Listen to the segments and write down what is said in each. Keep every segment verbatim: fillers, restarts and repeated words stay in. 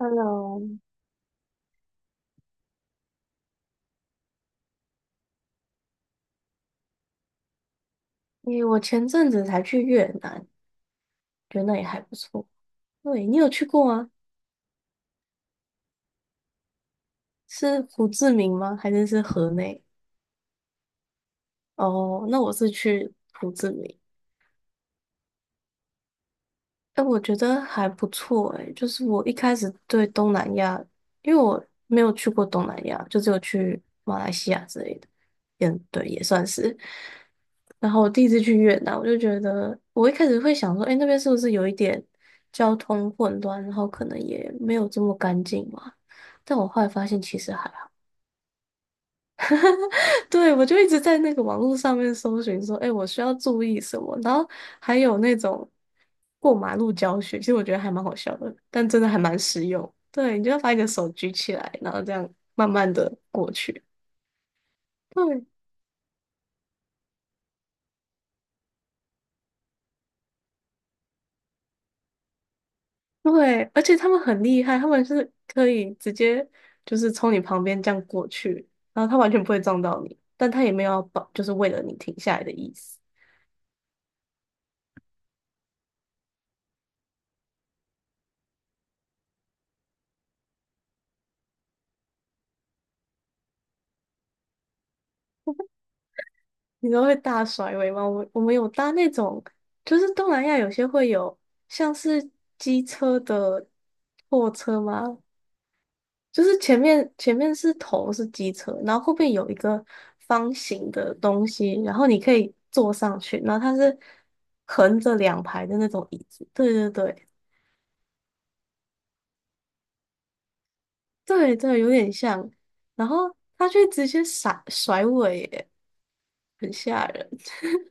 Hello，诶，我前阵子才去越南，觉得那里还不错。对，你有去过吗？是胡志明吗？还是是河内？哦，那我是去胡志明。哎，我觉得还不错哎，就是我一开始对东南亚，因为我没有去过东南亚，就只有去马来西亚之类的，嗯，对，也算是。然后我第一次去越南，我就觉得我一开始会想说，哎，那边是不是有一点交通混乱，然后可能也没有这么干净嘛？但我后来发现其实还好。对，我就一直在那个网络上面搜寻说，哎，我需要注意什么？然后还有那种过马路教学，其实我觉得还蛮好笑的，但真的还蛮实用。对，你就要把你的手举起来，然后这样慢慢的过去。对对，而且他们很厉害，他们是可以直接就是从你旁边这样过去，然后他完全不会撞到你，但他也没有要保，就是为了你停下来的意思。你们会大甩尾吗？我我们有搭那种，就是东南亚有些会有像是机车的货车吗？就是前面前面是头是机车，然后后面有一个方形的东西，然后你可以坐上去，然后它是横着两排的那种椅子。对对对对对，有点像。然后它却直接甩甩尾耶，很吓人。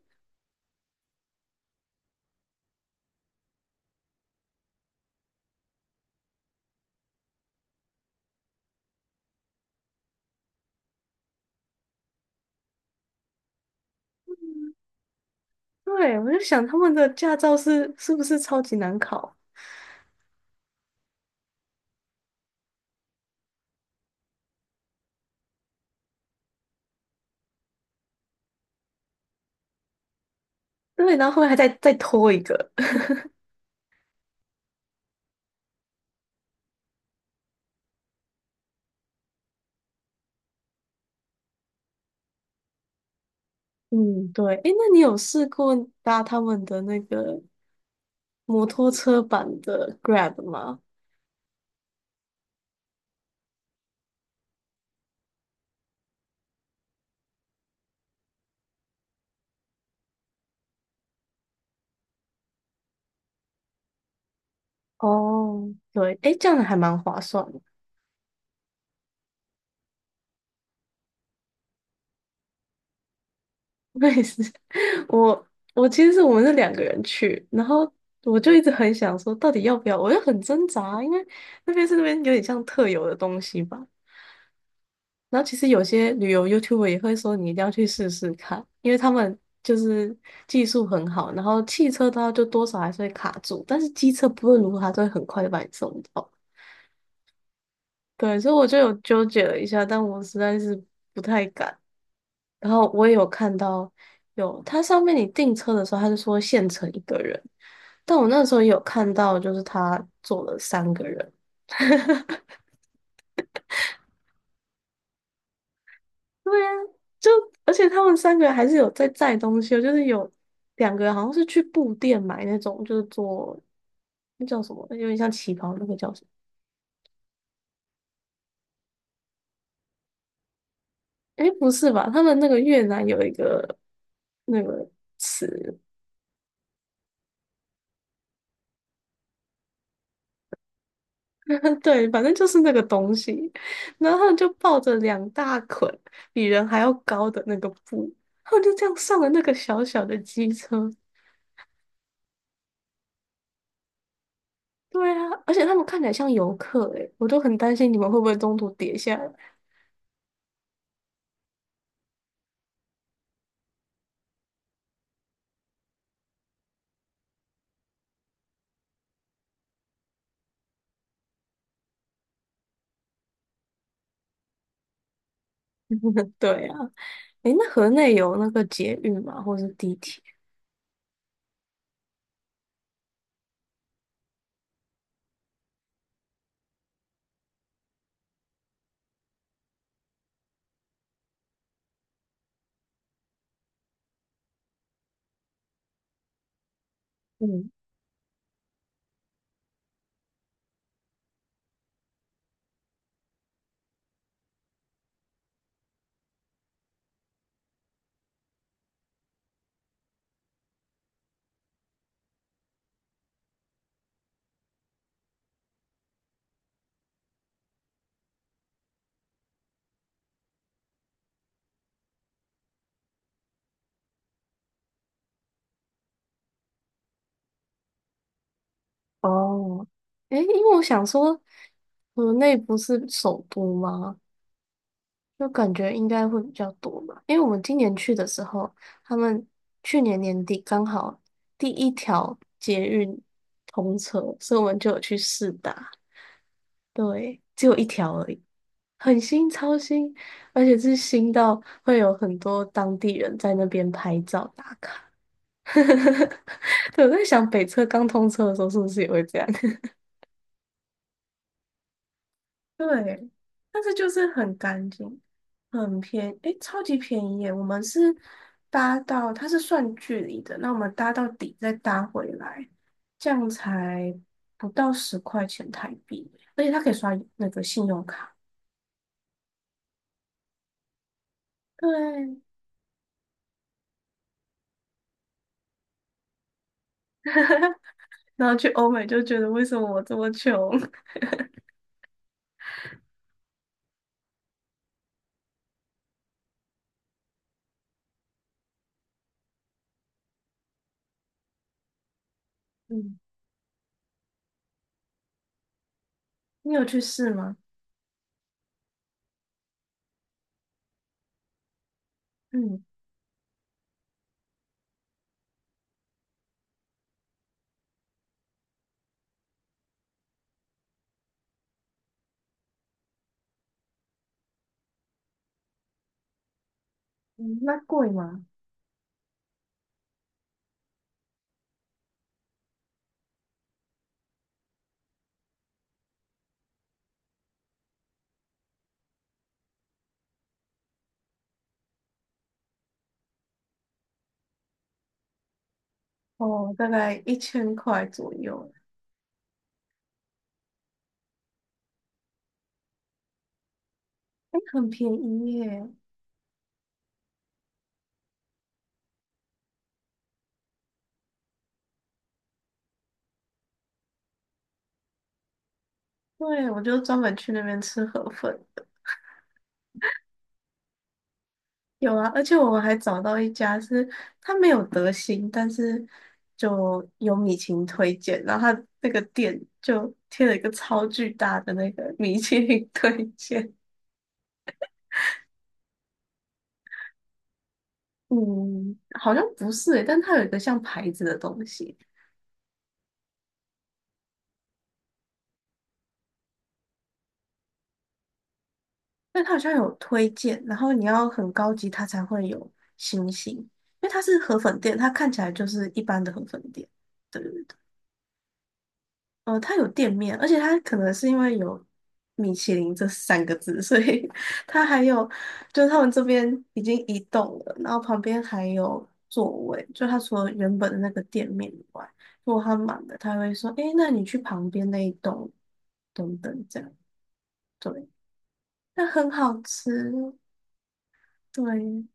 对，我就想他们的驾照是是不是超级难考？对，然后后来还再再拖一个。嗯，对，诶，那你有试过搭他们的那个摩托车版的 Grab 吗？哦，对，诶，这样还蛮划算的。我也是，我我其实是我们是两个人去，然后我就一直很想说，到底要不要？我就很挣扎啊，因为那边是那边有点像特有的东西吧，然后其实有些旅游 YouTuber 也会说你一定要去试试看，因为他们就是技术很好，然后汽车的话就多少还是会卡住，但是机车不论如何它都会很快就把你送到。对，所以我就有纠结了一下，但我实在是不太敢。然后我也有看到有，它上面你订车的时候，他就说限乘一个人，但我那时候也有看到，就是他坐了三个人，对呀，就而且他们三个还是有在载东西哦，就是有两个人好像是去布店买那种，就是做那叫什么，有点像旗袍那个叫什么？诶，不是吧？他们那个越南有一个那个词，对，反正就是那个东西，然后他们就抱着两大捆比人还要高的那个布，他们就这样上了那个小小的机车。对啊，而且他们看起来像游客诶，我都很担心你们会不会中途跌下来。对啊。诶，那河内有那个捷运吗？或是地铁？嗯，哦，诶，因为我想说，河内不是首都吗？就感觉应该会比较多吧。因为我们今年去的时候，他们去年年底刚好第一条捷运通车，所以我们就有去试搭。对，只有一条而已，很新，超新，而且是新到会有很多当地人在那边拍照打卡。呵呵对，我在想北车刚通车的时候是不是也会这样？对，但是就是很干净，很便诶，超级便宜耶！我们是搭到，它是算距离的，那我们搭到底再搭回来，这样才不到十块钱台币，而且它可以刷那个信用卡。对 然后去欧美就觉得为什么我这么穷？嗯你有去试吗？嗯嗯，那贵吗？哦，大概一千块左右。哎，很便宜耶！对，我就专门去那边吃河粉的。有啊，而且我们还找到一家是它没有德兴，但是就有米其林推荐，然后它那个店就贴了一个超巨大的那个 米其林推荐。嗯，好像不是诶，但它有一个像牌子的东西，但它好像有推荐，然后你要很高级，它才会有星星，因为它是河粉店，它看起来就是一般的河粉店。对。呃，它有店面，而且它可能是因为有米其林这三个字，所以 它还有，就是他们这边已经移动了，然后旁边还有座位，就它除了原本的那个店面以外，如果它满了，他会说，诶，那你去旁边那一栋等等这样，对，那很好吃，对，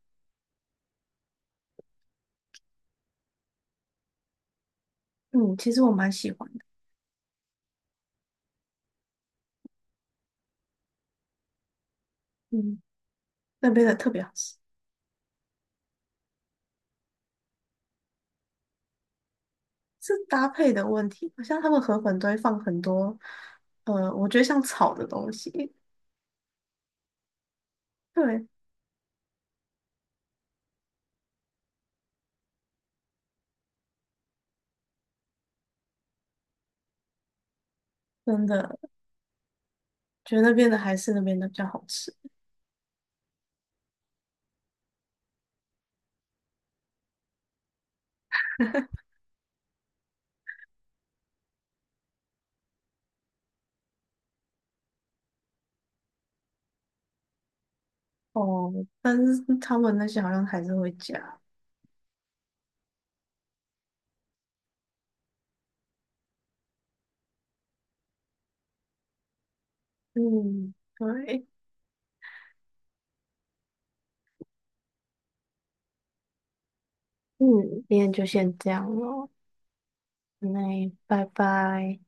嗯，其实我蛮喜欢的，嗯，那边的特别好吃。是搭配的问题，好像他们河粉都会放很多，呃，我觉得像炒的东西，对，真的觉得那边的还是那边的比较好吃哦，但是他们那些好像还是会加。嗯，对，嗯，今天就先这样咯，那拜拜。